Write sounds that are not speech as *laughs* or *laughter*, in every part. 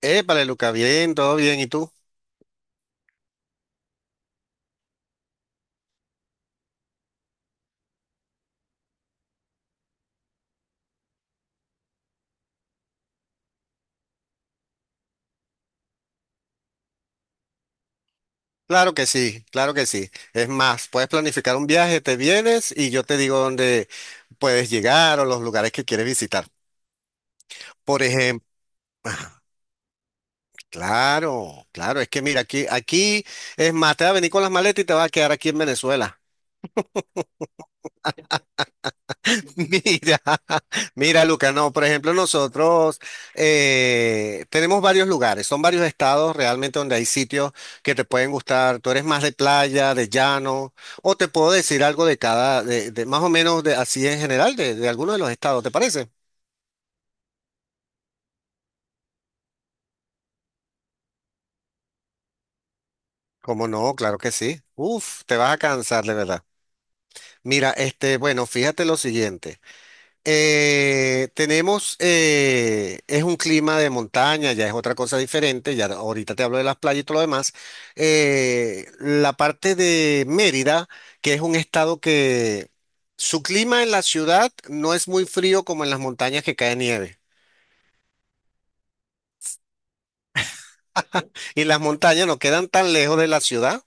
Épale, Luca, bien, todo bien. ¿Y tú? Claro que sí, claro que sí. Es más, puedes planificar un viaje, te vienes y yo te digo dónde puedes llegar o los lugares que quieres visitar. Por ejemplo, claro, claro, es que mira, aquí es más, te va a venir con las maletas y te va a quedar aquí en Venezuela. Mira, *laughs* mira, Luca, no, por ejemplo, nosotros tenemos varios lugares, son varios estados realmente donde hay sitios que te pueden gustar. Tú eres más de playa, de llano, o te puedo decir algo de cada, de más o menos de, así en general, de alguno de los estados, ¿te parece? Como no, claro que sí. Uf, te vas a cansar de verdad. Mira, este, bueno, fíjate lo siguiente. Tenemos, es un clima de montaña, ya es otra cosa diferente, ya ahorita te hablo de las playas y todo lo demás. La parte de Mérida, que es un estado que su clima en la ciudad no es muy frío como en las montañas que cae nieve. Y las montañas no quedan tan lejos de la ciudad.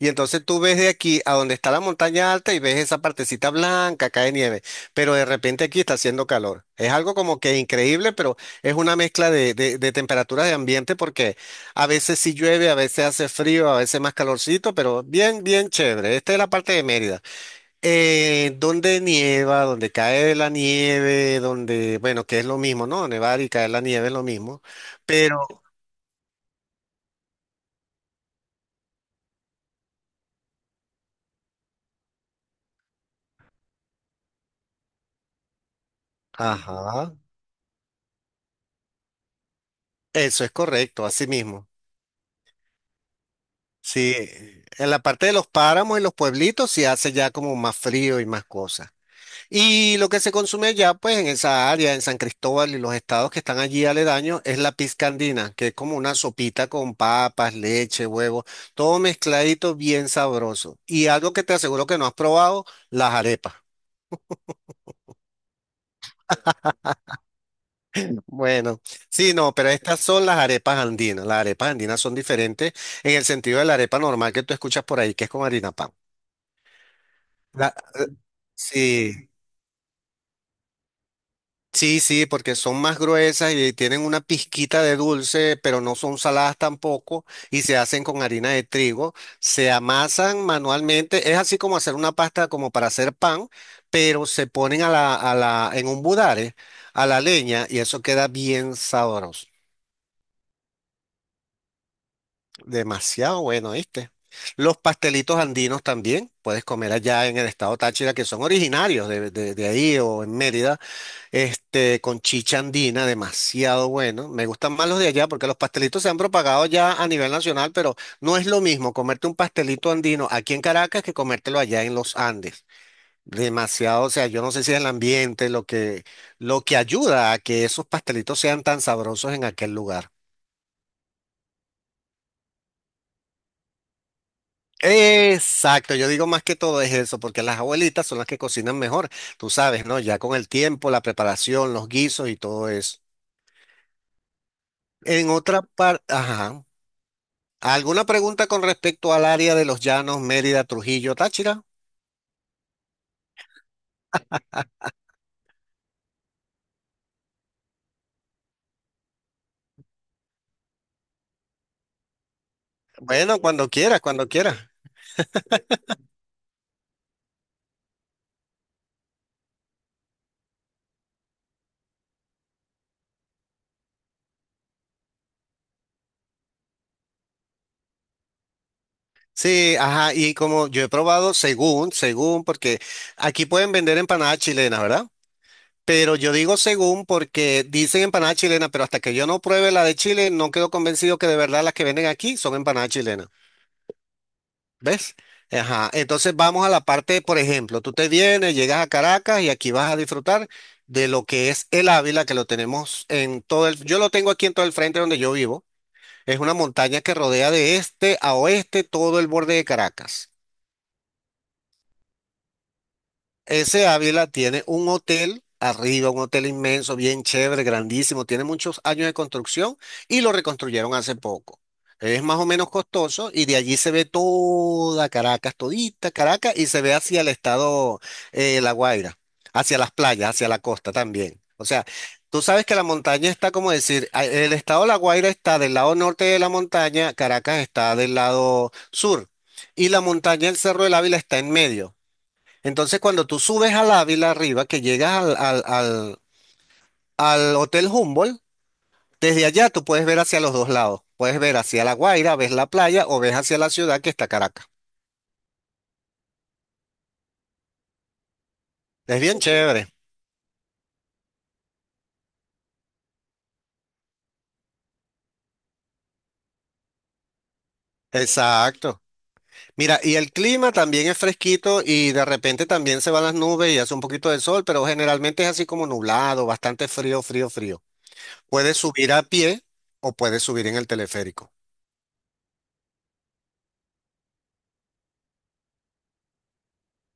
Y entonces tú ves de aquí a donde está la montaña alta y ves esa partecita blanca, cae nieve, pero de repente aquí está haciendo calor. Es algo como que increíble, pero es una mezcla de temperaturas de ambiente porque a veces sí llueve, a veces hace frío, a veces más calorcito, pero bien, bien chévere. Esta es la parte de Mérida. Donde nieva, donde cae la nieve, donde, bueno, que es lo mismo, ¿no? Nevar y caer la nieve es lo mismo, pero, ajá, eso es correcto, así mismo. Sí, en la parte de los páramos y los pueblitos se hace ya como más frío y más cosas. Y lo que se consume ya pues en esa área, en San Cristóbal y los estados que están allí aledaños, es la pizca andina, que es como una sopita con papas, leche, huevo, todo mezcladito bien sabroso. Y algo que te aseguro que no has probado, las arepas. Bueno, sí, no, pero estas son las arepas andinas. Las arepas andinas son diferentes en el sentido de la arepa normal que tú escuchas por ahí, que es con harina pan. La- eh, Sí, Sí, porque son más gruesas y tienen una pizquita de dulce, pero no son saladas tampoco y se hacen con harina de trigo, se amasan manualmente, es así como hacer una pasta como para hacer pan, pero se ponen en un budare, a la leña y eso queda bien sabroso, demasiado bueno, ¿viste? Los pastelitos andinos también, puedes comer allá en el estado Táchira, que son originarios de, de ahí o en Mérida. Este, con chicha andina, demasiado bueno. Me gustan más los de allá porque los pastelitos se han propagado ya a nivel nacional, pero no es lo mismo comerte un pastelito andino aquí en Caracas que comértelo allá en los Andes. Demasiado, o sea, yo no sé si es el ambiente lo que ayuda a que esos pastelitos sean tan sabrosos en aquel lugar. Exacto, yo digo más que todo es eso, porque las abuelitas son las que cocinan mejor, tú sabes, ¿no? Ya con el tiempo, la preparación, los guisos y todo eso. En otra parte, ajá. ¿Alguna pregunta con respecto al área de los Llanos, Mérida, Trujillo, Táchira? Bueno, cuando quieras, cuando quieras. Sí, ajá, y como yo he probado, según, según, porque aquí pueden vender empanadas chilenas, ¿verdad? Pero yo digo según porque dicen empanadas chilenas, pero hasta que yo no pruebe la de Chile, no quedo convencido que de verdad las que venden aquí son empanadas chilenas. ¿Ves? Ajá. Entonces vamos a la parte, por ejemplo, tú te vienes, llegas a Caracas y aquí vas a disfrutar de lo que es el Ávila, que lo tenemos en todo el, yo lo tengo aquí en todo el frente donde yo vivo. Es una montaña que rodea de este a oeste todo el borde de Caracas. Ese Ávila tiene un hotel arriba, un hotel inmenso, bien chévere, grandísimo, tiene muchos años de construcción y lo reconstruyeron hace poco. Es más o menos costoso y de allí se ve toda Caracas, todita Caracas y se ve hacia el estado La Guaira, hacia las playas, hacia la costa también. O sea, tú sabes que la montaña está como decir, el estado La Guaira está del lado norte de la montaña, Caracas está del lado sur y la montaña, el Cerro del Ávila está en medio. Entonces, cuando tú subes al Ávila arriba, que llegas al Hotel Humboldt, desde allá tú puedes ver hacia los dos lados. Puedes ver hacia La Guaira, ves la playa o ves hacia la ciudad que está Caracas. Es bien chévere. Exacto. Mira, y el clima también es fresquito y de repente también se van las nubes y hace un poquito de sol, pero generalmente es así como nublado, bastante frío, frío. Puedes subir a pie o puedes subir en el teleférico.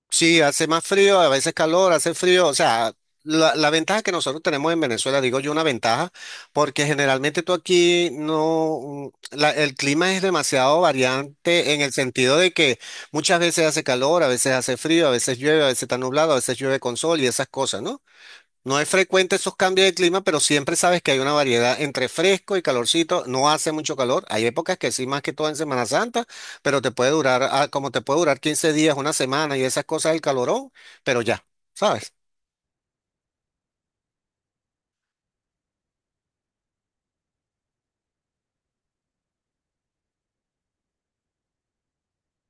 Sí, hace más frío, a veces calor, hace frío. O sea, la ventaja que nosotros tenemos en Venezuela, digo yo una ventaja, porque generalmente tú aquí no, el clima es demasiado variante en el sentido de que muchas veces hace calor, a veces hace frío, a veces llueve, a veces está nublado, a veces llueve con sol y esas cosas, ¿no? No es frecuente esos cambios de clima, pero siempre sabes que hay una variedad entre fresco y calorcito. No hace mucho calor. Hay épocas que sí, más que todo en Semana Santa, pero te puede durar, como te puede durar 15 días, una semana y esas cosas del calorón, pero ya, ¿sabes?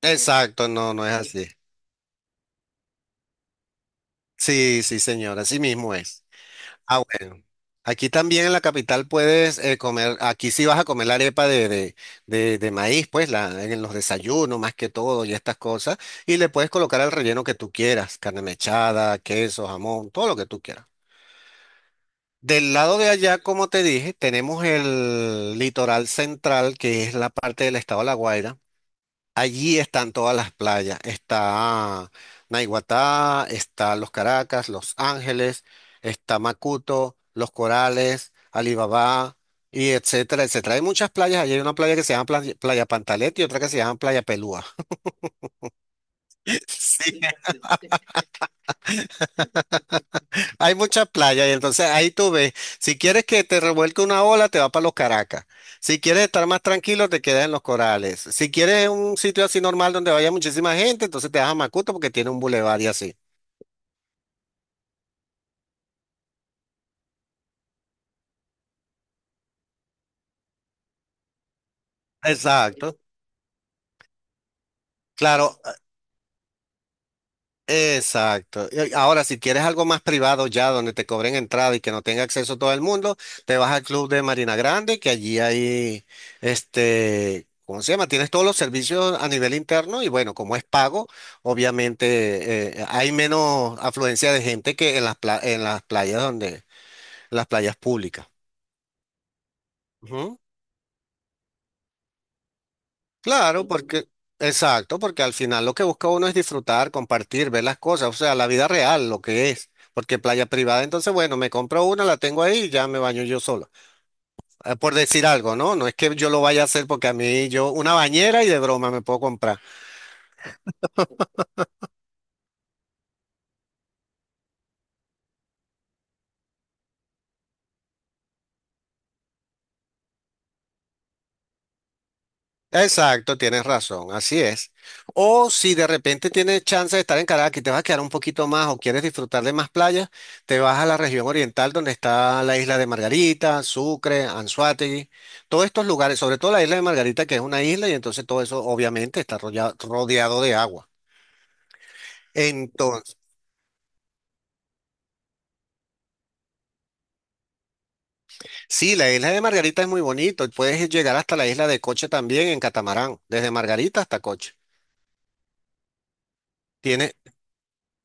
Exacto, no, no es así. Sí, sí, señora, así mismo es. Ah, bueno. Aquí también en la capital puedes comer, aquí sí vas a comer la arepa de, de maíz, pues la, en los desayunos más que todo y estas cosas, y le puedes colocar el relleno que tú quieras, carne mechada, queso, jamón, todo lo que tú quieras. Del lado de allá, como te dije, tenemos el litoral central, que es la parte del estado de La Guaira. Allí están todas las playas. Está Naiguatá, está Los Caracas, Los Ángeles, está Macuto, Los Corales, Alibaba, y etcétera, etcétera. Hay muchas playas. Allí hay una playa que se llama Playa Pantalete y otra que se llama Playa Pelúa. *laughs* Sí. Hay muchas playas y entonces ahí tú ves, si quieres que te revuelque una ola, te va para los Caracas. Si quieres estar más tranquilo, te quedas en los Corales. Si quieres un sitio así normal donde vaya muchísima gente, entonces te vas a Macuto porque tiene un bulevar y así. Exacto, claro, exacto. Y ahora, si quieres algo más privado ya, donde te cobren entrada y que no tenga acceso todo el mundo, te vas al club de Marina Grande, que allí hay, este, ¿cómo se llama? Tienes todos los servicios a nivel interno y bueno, como es pago, obviamente hay menos afluencia de gente que en las, en las playas donde, las playas públicas. Ujú. Claro, porque, exacto, porque al final lo que busca uno es disfrutar, compartir, ver las cosas, o sea, la vida real, lo que es. Porque playa privada, entonces, bueno, me compro una, la tengo ahí y ya me baño yo solo. Por decir algo, ¿no? No es que yo lo vaya a hacer porque a mí yo, una bañera y de broma me puedo comprar. Exacto, tienes razón, así es. O si de repente tienes chance de estar en Caracas y te vas a quedar un poquito más o quieres disfrutar de más playas, te vas a la región oriental donde está la isla de Margarita, Sucre, Anzoátegui, todos estos lugares, sobre todo la isla de Margarita que es una isla y entonces todo eso obviamente está rodeado, rodeado de agua. Entonces, sí, la isla de Margarita es muy bonito, puedes llegar hasta la isla de Coche también en catamarán, desde Margarita hasta Coche.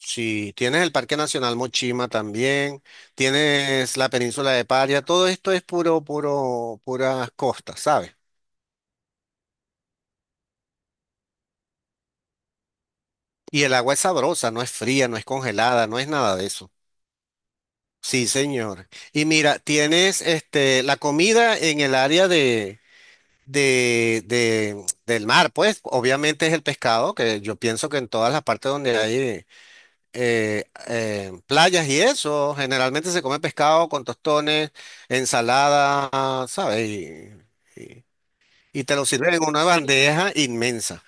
Sí, tienes el Parque Nacional Mochima también, tienes la península de Paria, todo esto es puro, puro, puras costas, ¿sabes? Y el agua es sabrosa, no es fría, no es congelada, no es nada de eso. Sí, señor. Y mira, tienes este la comida en el área de, del mar, pues obviamente es el pescado, que yo pienso que en todas las partes donde hay playas y eso, generalmente se come pescado con tostones, ensalada, ¿sabes? Y- y te lo sirven en una bandeja inmensa.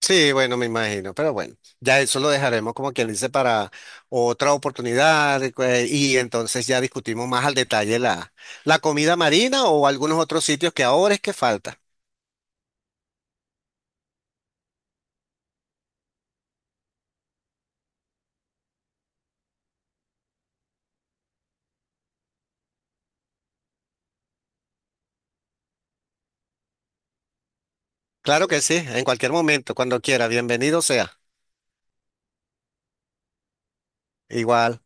Sí, bueno, me imagino, pero bueno, ya eso lo dejaremos como quien dice para otra oportunidad y entonces ya discutimos más al detalle la, la comida marina o algunos otros sitios que ahora es que falta. Claro que sí, en cualquier momento, cuando quiera, bienvenido sea. Igual.